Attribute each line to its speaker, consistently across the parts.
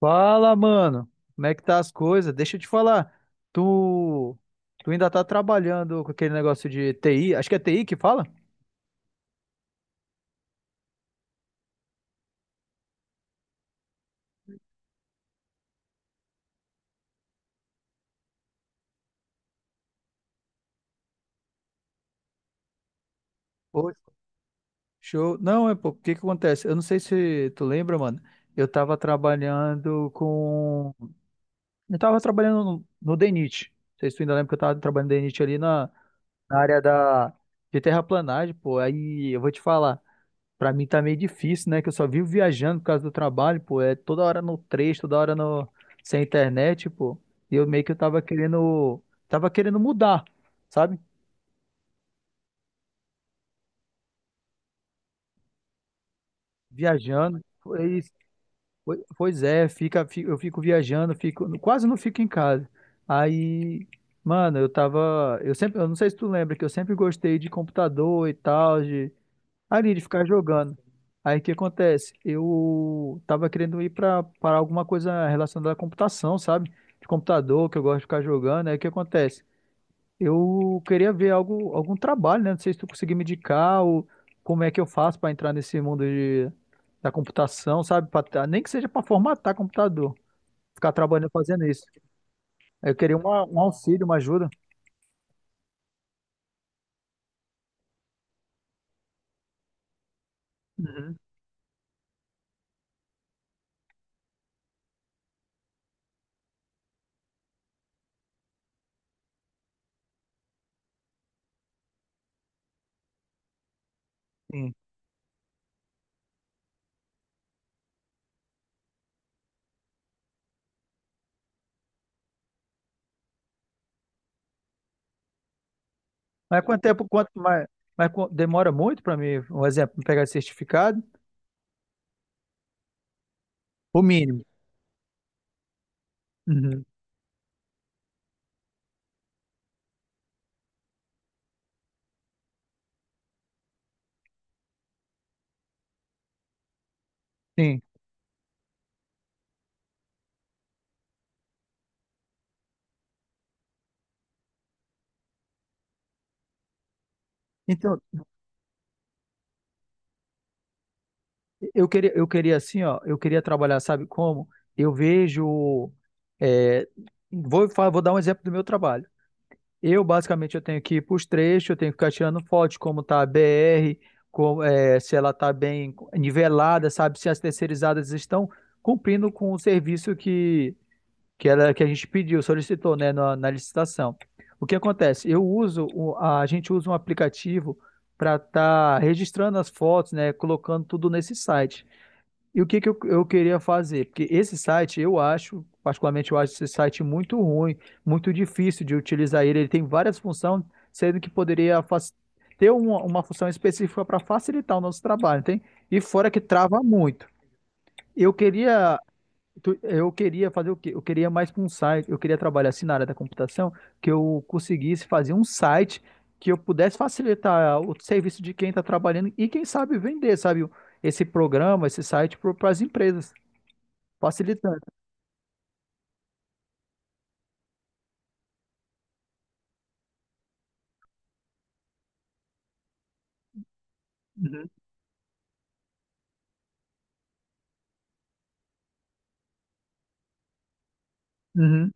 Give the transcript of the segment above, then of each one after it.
Speaker 1: Fala, mano. Como é que tá as coisas? Deixa eu te falar. Tu, tu ainda tá trabalhando com aquele negócio de TI? Acho que é TI que fala? Oi. Show. Não, é pô, o que que acontece? Eu não sei se tu lembra, mano. Eu tava trabalhando com. Eu tava trabalhando no DNIT. Não sei se tu ainda lembra que eu tava trabalhando no DNIT ali na área de terraplanagem, pô. Aí eu vou te falar. Pra mim tá meio difícil, né? Que eu só vivo viajando por causa do trabalho, pô. É toda hora no trecho, toda hora sem internet, pô. E eu meio que eu tava querendo. Tava querendo mudar, sabe? Viajando. Pois é, eu fico viajando, fico. Quase não fico em casa. Aí, mano, eu tava. Eu sempre. Eu não sei se tu lembra que eu sempre gostei de computador e tal, de ali de ficar jogando. Aí o que acontece? Eu tava querendo ir pra para alguma coisa relacionada à computação, sabe? De computador, que eu gosto de ficar jogando. Aí o que acontece? Eu queria ver algo, algum trabalho, né? Não sei se tu conseguir me indicar ou como é que eu faço para entrar nesse mundo da computação, sabe? Nem que seja para formatar computador, ficar trabalhando fazendo isso. Eu queria um auxílio, uma ajuda. Uhum. Sim. Mas quanto tempo, quanto mais, mas qu- demora muito para mim, um exemplo, pegar esse certificado? O mínimo. Uhum, sim. Então, eu queria assim, ó, eu queria trabalhar, sabe como? Eu vejo, é, vou dar um exemplo do meu trabalho. Basicamente, eu tenho que ir para os trechos, eu tenho que ficar tirando foto de como tá a BR, como, é, se ela tá bem nivelada, sabe? Se as terceirizadas estão cumprindo com o serviço que ela que a gente pediu, solicitou, né, na licitação. O que acontece? A gente usa um aplicativo para estar registrando as fotos, né, colocando tudo nesse site. E o que que eu queria fazer? Porque esse site, eu acho, particularmente, eu acho esse site muito ruim, muito difícil de utilizar ele. Ele tem várias funções, sendo que ter uma função específica para facilitar o nosso trabalho, tem? E fora que trava muito. Eu queria Eu queria fazer o quê? Eu queria mais para um site, eu queria trabalhar assim na área da computação, que eu conseguisse fazer um site que eu pudesse facilitar o serviço de quem está trabalhando e quem sabe vender, sabe? Esse programa, esse site para as empresas, facilitando. Uhum, uhum,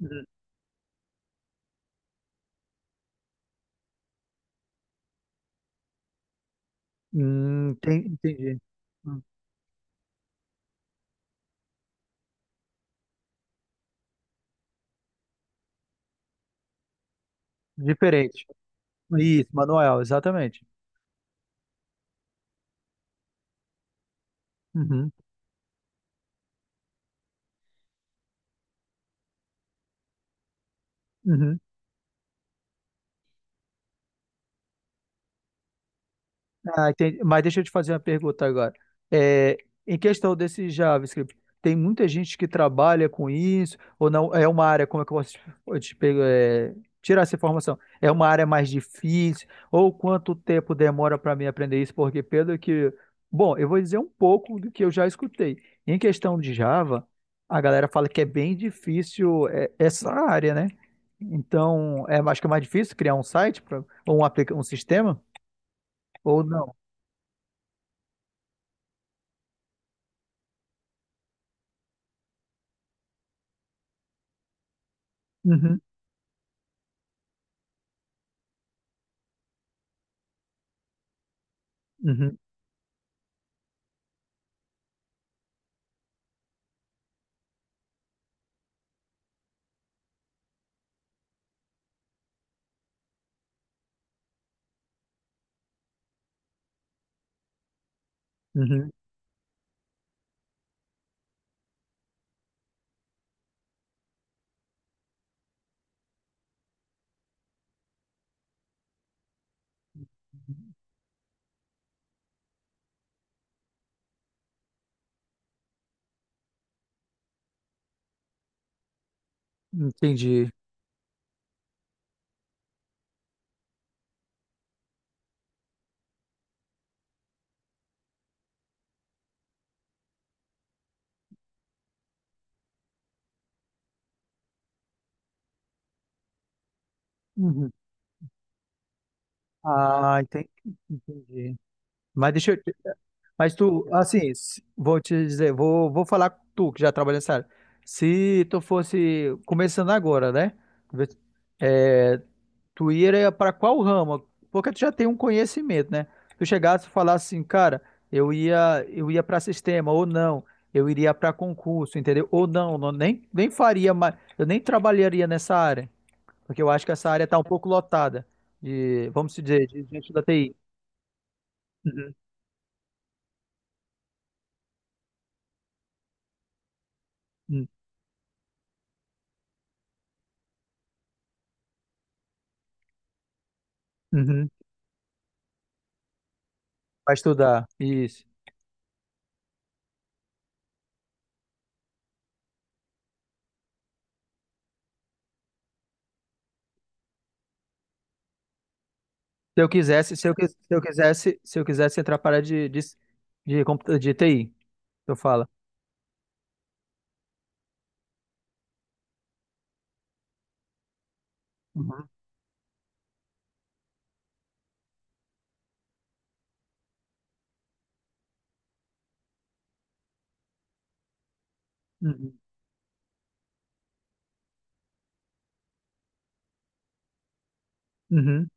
Speaker 1: uhum. Entendi. Hum, Diferente. Isso, manual, exatamente. Uhum, uhum. Ah, entendi. Mas deixa eu te fazer uma pergunta agora. É, em questão desse JavaScript, tem muita gente que trabalha com isso, ou não? É uma área, como é que eu posso te, eu te pego- é, tirar essa informação? É uma área mais difícil? Ou quanto tempo demora para mim aprender isso? Porque pelo que. Bom, eu vou dizer um pouco do que eu já escutei. Em questão de Java, a galera fala que é bem difícil é, essa área, né? Então, é, acho que é mais difícil criar um site pra, um sistema, ou não? Uhum. Uhum, uhum. Entendi. Uhum. Ah, entendi. Entendi. Mas deixa eu. te- Mas tu, vou te dizer, vou falar com tu que já trabalha nessa área. Se tu fosse começando agora, né? Vê- É, tu iria para qual ramo? Porque tu já tem um conhecimento, né? Tu chegasse e falasse assim, cara, eu ia para sistema ou não, eu iria para concurso, entendeu? Ou não, nem faria mais, eu nem trabalharia nessa área. Porque eu acho que essa área está um pouco lotada de, vamos dizer, de gente da TI. Uhum, uhum, uhum. Para estudar. Isso. Se eu quisesse, se eu, quis- se eu quisesse, Se eu quisesse entrar para a área de TI, eu falo. Uhum, uhum, uhum.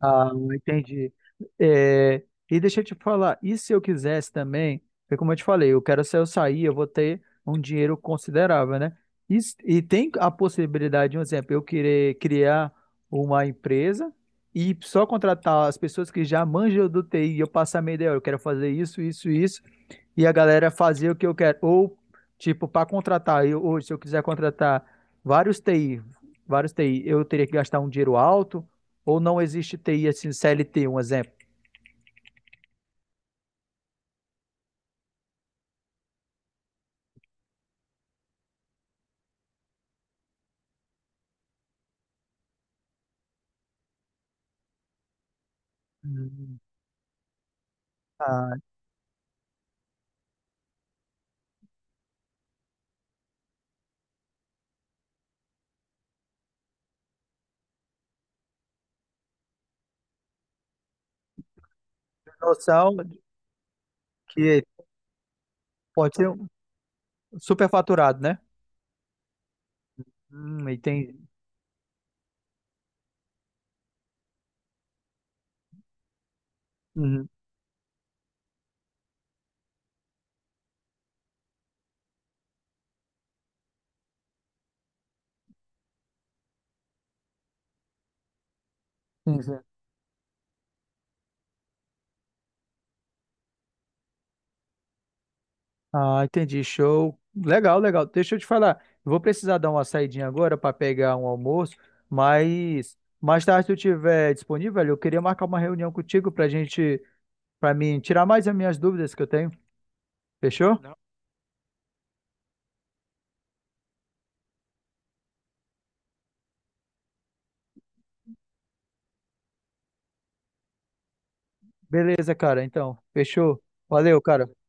Speaker 1: Ah, entendi. É, e deixa eu te falar, e se eu quisesse também, porque como eu te falei, eu quero se eu sair, eu vou ter um dinheiro considerável, né? E tem a possibilidade, um exemplo, eu querer criar uma empresa e só contratar as pessoas que já manjam do TI e eu passar a minha ideia, "Olha, eu quero fazer isso, isso, isso, e a galera fazer o que eu quero. Ou, tipo, para contratar, eu, hoje, se eu quiser contratar vários TI, vários TI, eu teria que gastar um dinheiro alto ou não existe TI assim, CLT, um exemplo? Hum. Ah, noção de que pode ser um superfaturado, né? Entendi. Uhum. Ah, entendi, show. Legal, legal. Deixa eu te falar, eu vou precisar dar uma saidinha agora para pegar um almoço, mas mais tarde, se eu tiver disponível, eu queria marcar uma reunião contigo para gente, para mim tirar mais as minhas dúvidas que eu tenho. Fechou? Não, beleza, cara. Então, fechou. Valeu, cara.